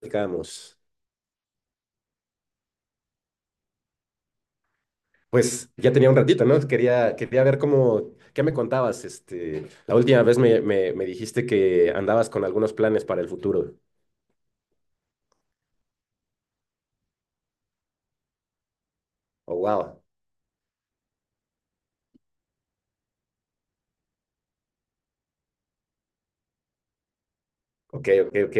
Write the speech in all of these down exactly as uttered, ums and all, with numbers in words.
Platicábamos. Pues ya tenía un ratito, ¿no? Quería, quería ver cómo, qué me contabas. Este, la última vez me, me, me dijiste que andabas con algunos planes para el futuro. Oh, wow. Ok, ok, ok.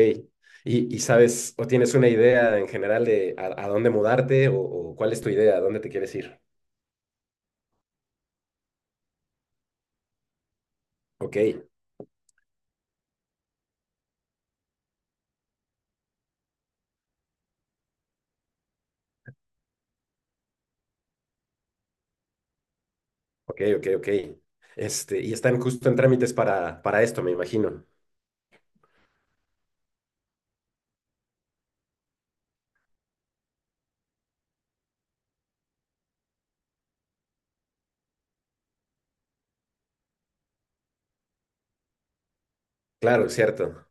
¿Y, y sabes o tienes una idea en general de a, a dónde mudarte o, o cuál es tu idea, a dónde te quieres ir? Ok, ok, ok, ok. Este, y están justo en trámites para, para esto, me imagino. Claro, cierto.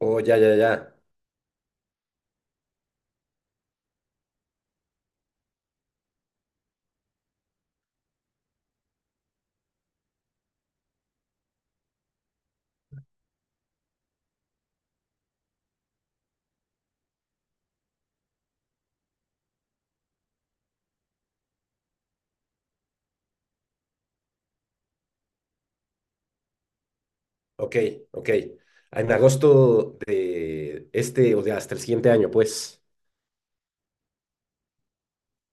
Oh, ya, ya, ya. Ok, ok. En agosto de este, o de hasta el siguiente año, pues.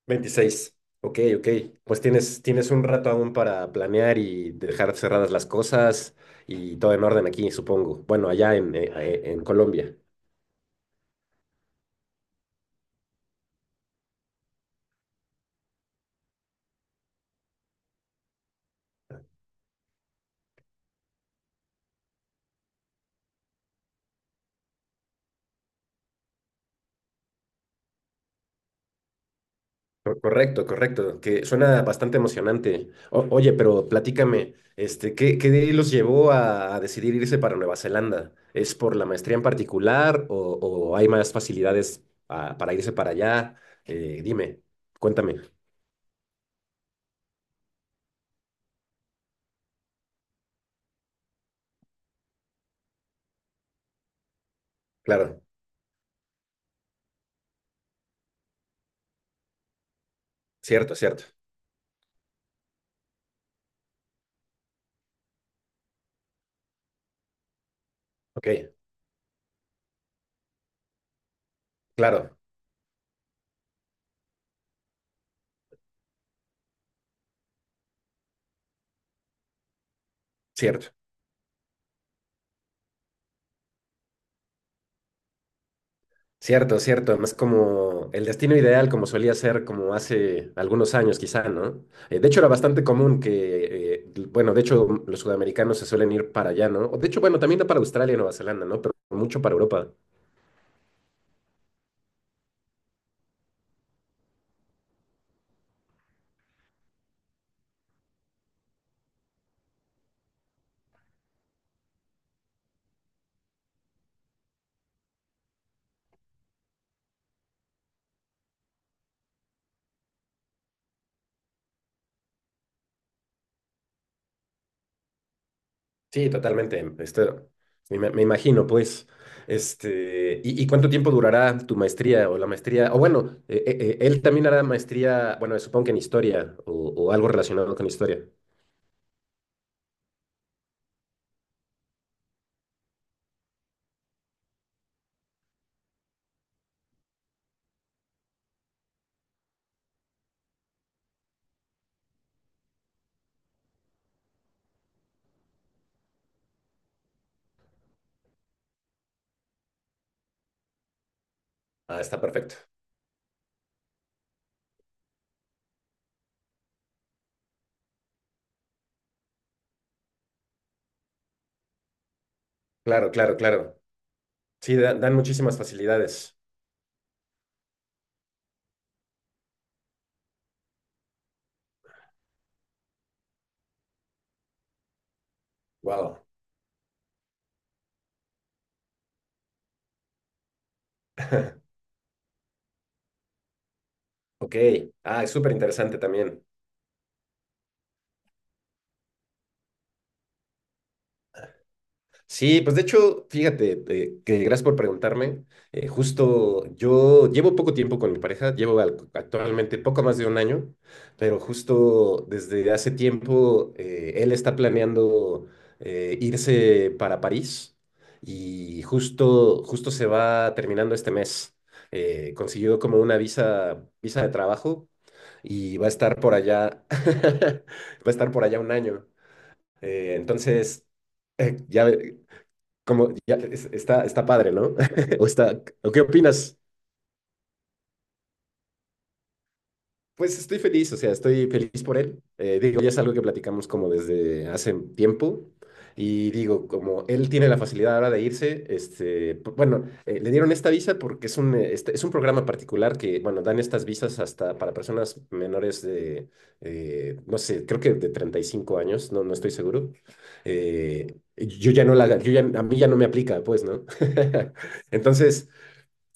Veintiséis. Ok, ok. Pues tienes, tienes un rato aún para planear y dejar cerradas las cosas y todo en orden aquí, supongo. Bueno, allá en, eh, eh, en Colombia. Co- Correcto, correcto, que suena bastante emocionante. O- oye, pero platícame, este, ¿qué, qué los llevó a, a decidir irse para Nueva Zelanda? ¿Es por la maestría en particular o, o hay más facilidades ah, para irse para allá? Eh, dime, cuéntame. Claro, cierto, cierto. Ok, claro, cierto. Cierto, cierto, además como el destino ideal, como solía ser como hace algunos años quizá, ¿no? Eh, de hecho era bastante común que, eh, bueno, de hecho mm, los sudamericanos se suelen ir para allá, ¿no? O de hecho, bueno, también no para Australia y Nueva Zelanda, ¿no? Pero mucho para Europa. Sí, totalmente. Esto, me, ima- me imagino, pues, este, ¿y, y cuánto tiempo durará tu maestría o la maestría? O bueno, eh, eh, eh, él también hará maestría, bueno, supongo que en historia o, o algo relacionado con historia. Ah, está perfecto. Claro, claro, claro. Sí, da- dan muchísimas facilidades. Wow. Ok. Ah, es súper interesante también. Sí, pues de hecho, fíjate, eh, que gracias por preguntarme. Eh, justo yo llevo poco tiempo con mi pareja, llevo al- actualmente poco más de un año, pero justo desde hace tiempo eh, él está planeando eh, irse para París y justo, justo se va terminando este mes. Eh, consiguió como una visa, visa de trabajo y va a estar por allá, va a estar por allá un año. Eh, entonces, eh, ya, ve- como, ya es- está, está padre, ¿no? O está, ¿o qué opinas? Pues estoy feliz, o sea, estoy feliz por él. Eh, digo, ya es algo que platicamos como desde hace tiempo. Y digo, como él tiene la facilidad ahora de irse, este, p- bueno, eh, le dieron esta visa porque es un, eh, este- es un programa particular que, bueno, dan estas visas hasta para personas menores de, eh, no sé, creo que de treinta y cinco años, no, no estoy seguro. Eh, yo ya no la, yo ya, a mí ya no me aplica, pues, ¿no? Entonces,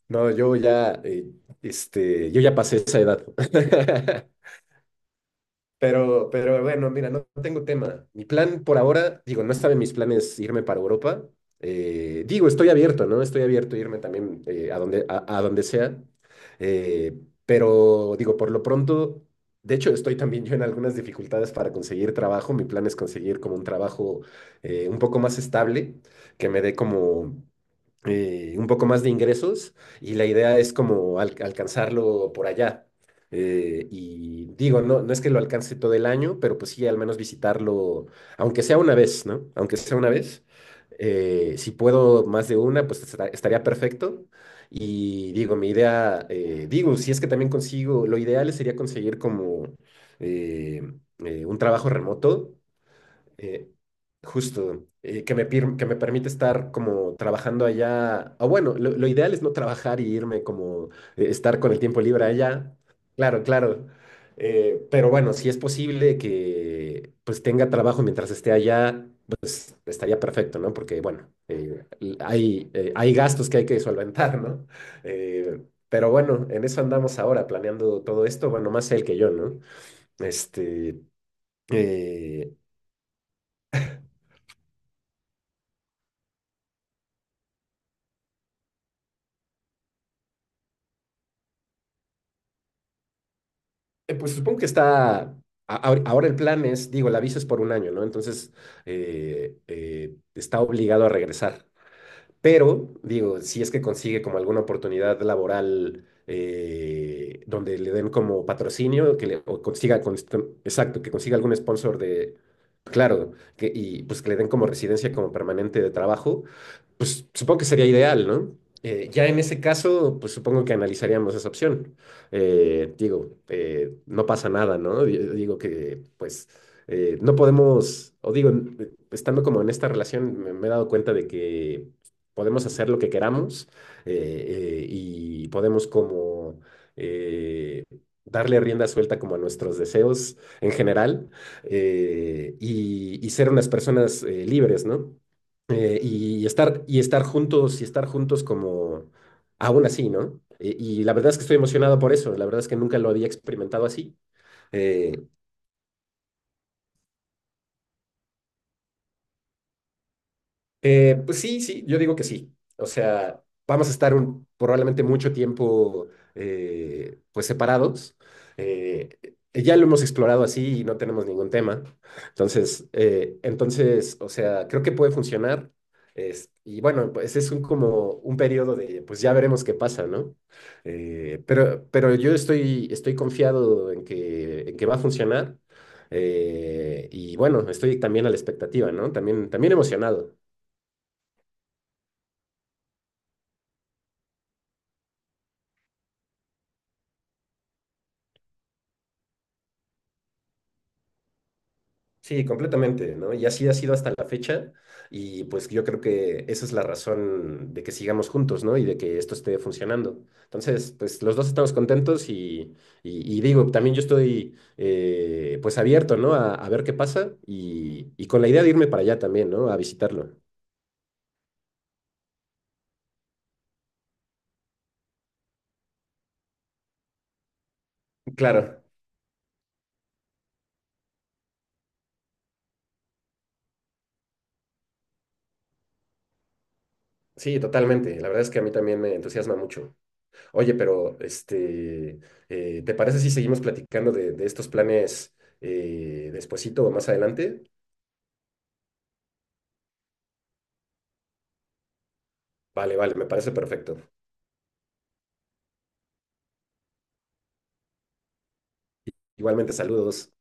no, yo ya, eh, este, yo ya pasé esa edad. Pero, pero bueno, mira, no tengo tema. Mi plan por ahora, digo, no estaba en mis planes irme para Europa. Eh, digo, estoy abierto, ¿no? Estoy abierto a irme también eh, a donde, a, a donde sea. Eh, pero digo, por lo pronto, de hecho, estoy también yo en algunas dificultades para conseguir trabajo. Mi plan es conseguir como un trabajo eh, un poco más estable, que me dé como eh, un poco más de ingresos y la idea es como al- alcanzarlo por allá. Eh, y digo, no, no es que lo alcance todo el año, pero pues sí, al menos visitarlo, aunque sea una vez, ¿no? Aunque sea una vez. Eh, si puedo más de una, pues esta- estaría perfecto. Y digo, mi idea, eh, digo, si es que también consigo, lo ideal sería conseguir como eh, eh, un trabajo remoto eh, justo, eh, que me, pir- que me permite estar como trabajando allá, o bueno, lo, lo ideal es no trabajar y irme como eh, estar con el tiempo libre allá, claro, claro. Eh, pero bueno, si es posible que pues tenga trabajo mientras esté allá, pues estaría perfecto, ¿no? Porque bueno, eh, l- hay, eh, hay gastos que hay que solventar, ¿no? Eh, pero bueno, en eso andamos ahora, planeando todo esto, bueno, más él que yo, ¿no? Este... eh, Eh, Pues supongo que está, a- ahor- ahora el plan es, digo, la visa es por un año, ¿no? Entonces, eh, eh, está obligado a regresar. Pero, digo, si es que consigue como alguna oportunidad laboral eh, donde le den como patrocinio, que le, o consiga, cons- con- exacto, que consiga algún sponsor de, claro, que, y pues que le den como residencia como permanente de trabajo, pues supongo que sería ideal, ¿no? Eh, ya en ese caso, pues supongo que analizaríamos esa opción. Eh, digo, eh, no pasa nada, ¿no? Di- Digo que, pues, eh, no podemos, o digo, n- estando como en esta relación, me, me he dado cuenta de que podemos hacer lo que queramos eh, eh, y podemos como eh, darle rienda suelta como a nuestros deseos en general eh, y, y ser unas personas eh, libres, ¿no? Eh, y estar, y estar juntos, y estar juntos como aún así, ¿no? Eh, Y la verdad es que estoy emocionado por eso, la verdad es que nunca lo había experimentado así. Eh, Eh, pues sí, sí, yo digo que sí. O sea, vamos a estar un- probablemente mucho tiempo eh, pues separados. Eh, eh, ya lo hemos explorado así y no tenemos ningún tema. Entonces, eh, entonces, o sea, creo que puede funcionar. Es- y bueno, pues es un, como un periodo de, pues ya veremos qué pasa, ¿no? Eh, pero, pero yo estoy, estoy confiado en que, en que va a funcionar. Eh, y bueno, estoy también a la expectativa, ¿no? También, también emocionado. Sí, completamente, ¿no? Y así ha sido hasta la fecha y pues yo creo que esa es la razón de que sigamos juntos, ¿no? Y de que esto esté funcionando. Entonces, pues los dos estamos contentos y, y- y digo, también yo estoy eh, pues abierto, ¿no? A, a ver qué pasa y, y con la idea de irme para allá también, ¿no? A visitarlo. Claro, sí, totalmente. La verdad es que a mí también me entusiasma mucho. Oye, pero este, eh, ¿te parece si seguimos platicando de, de estos planes eh, despuesito o más adelante? Vale, vale, me parece perfecto. Igualmente, saludos.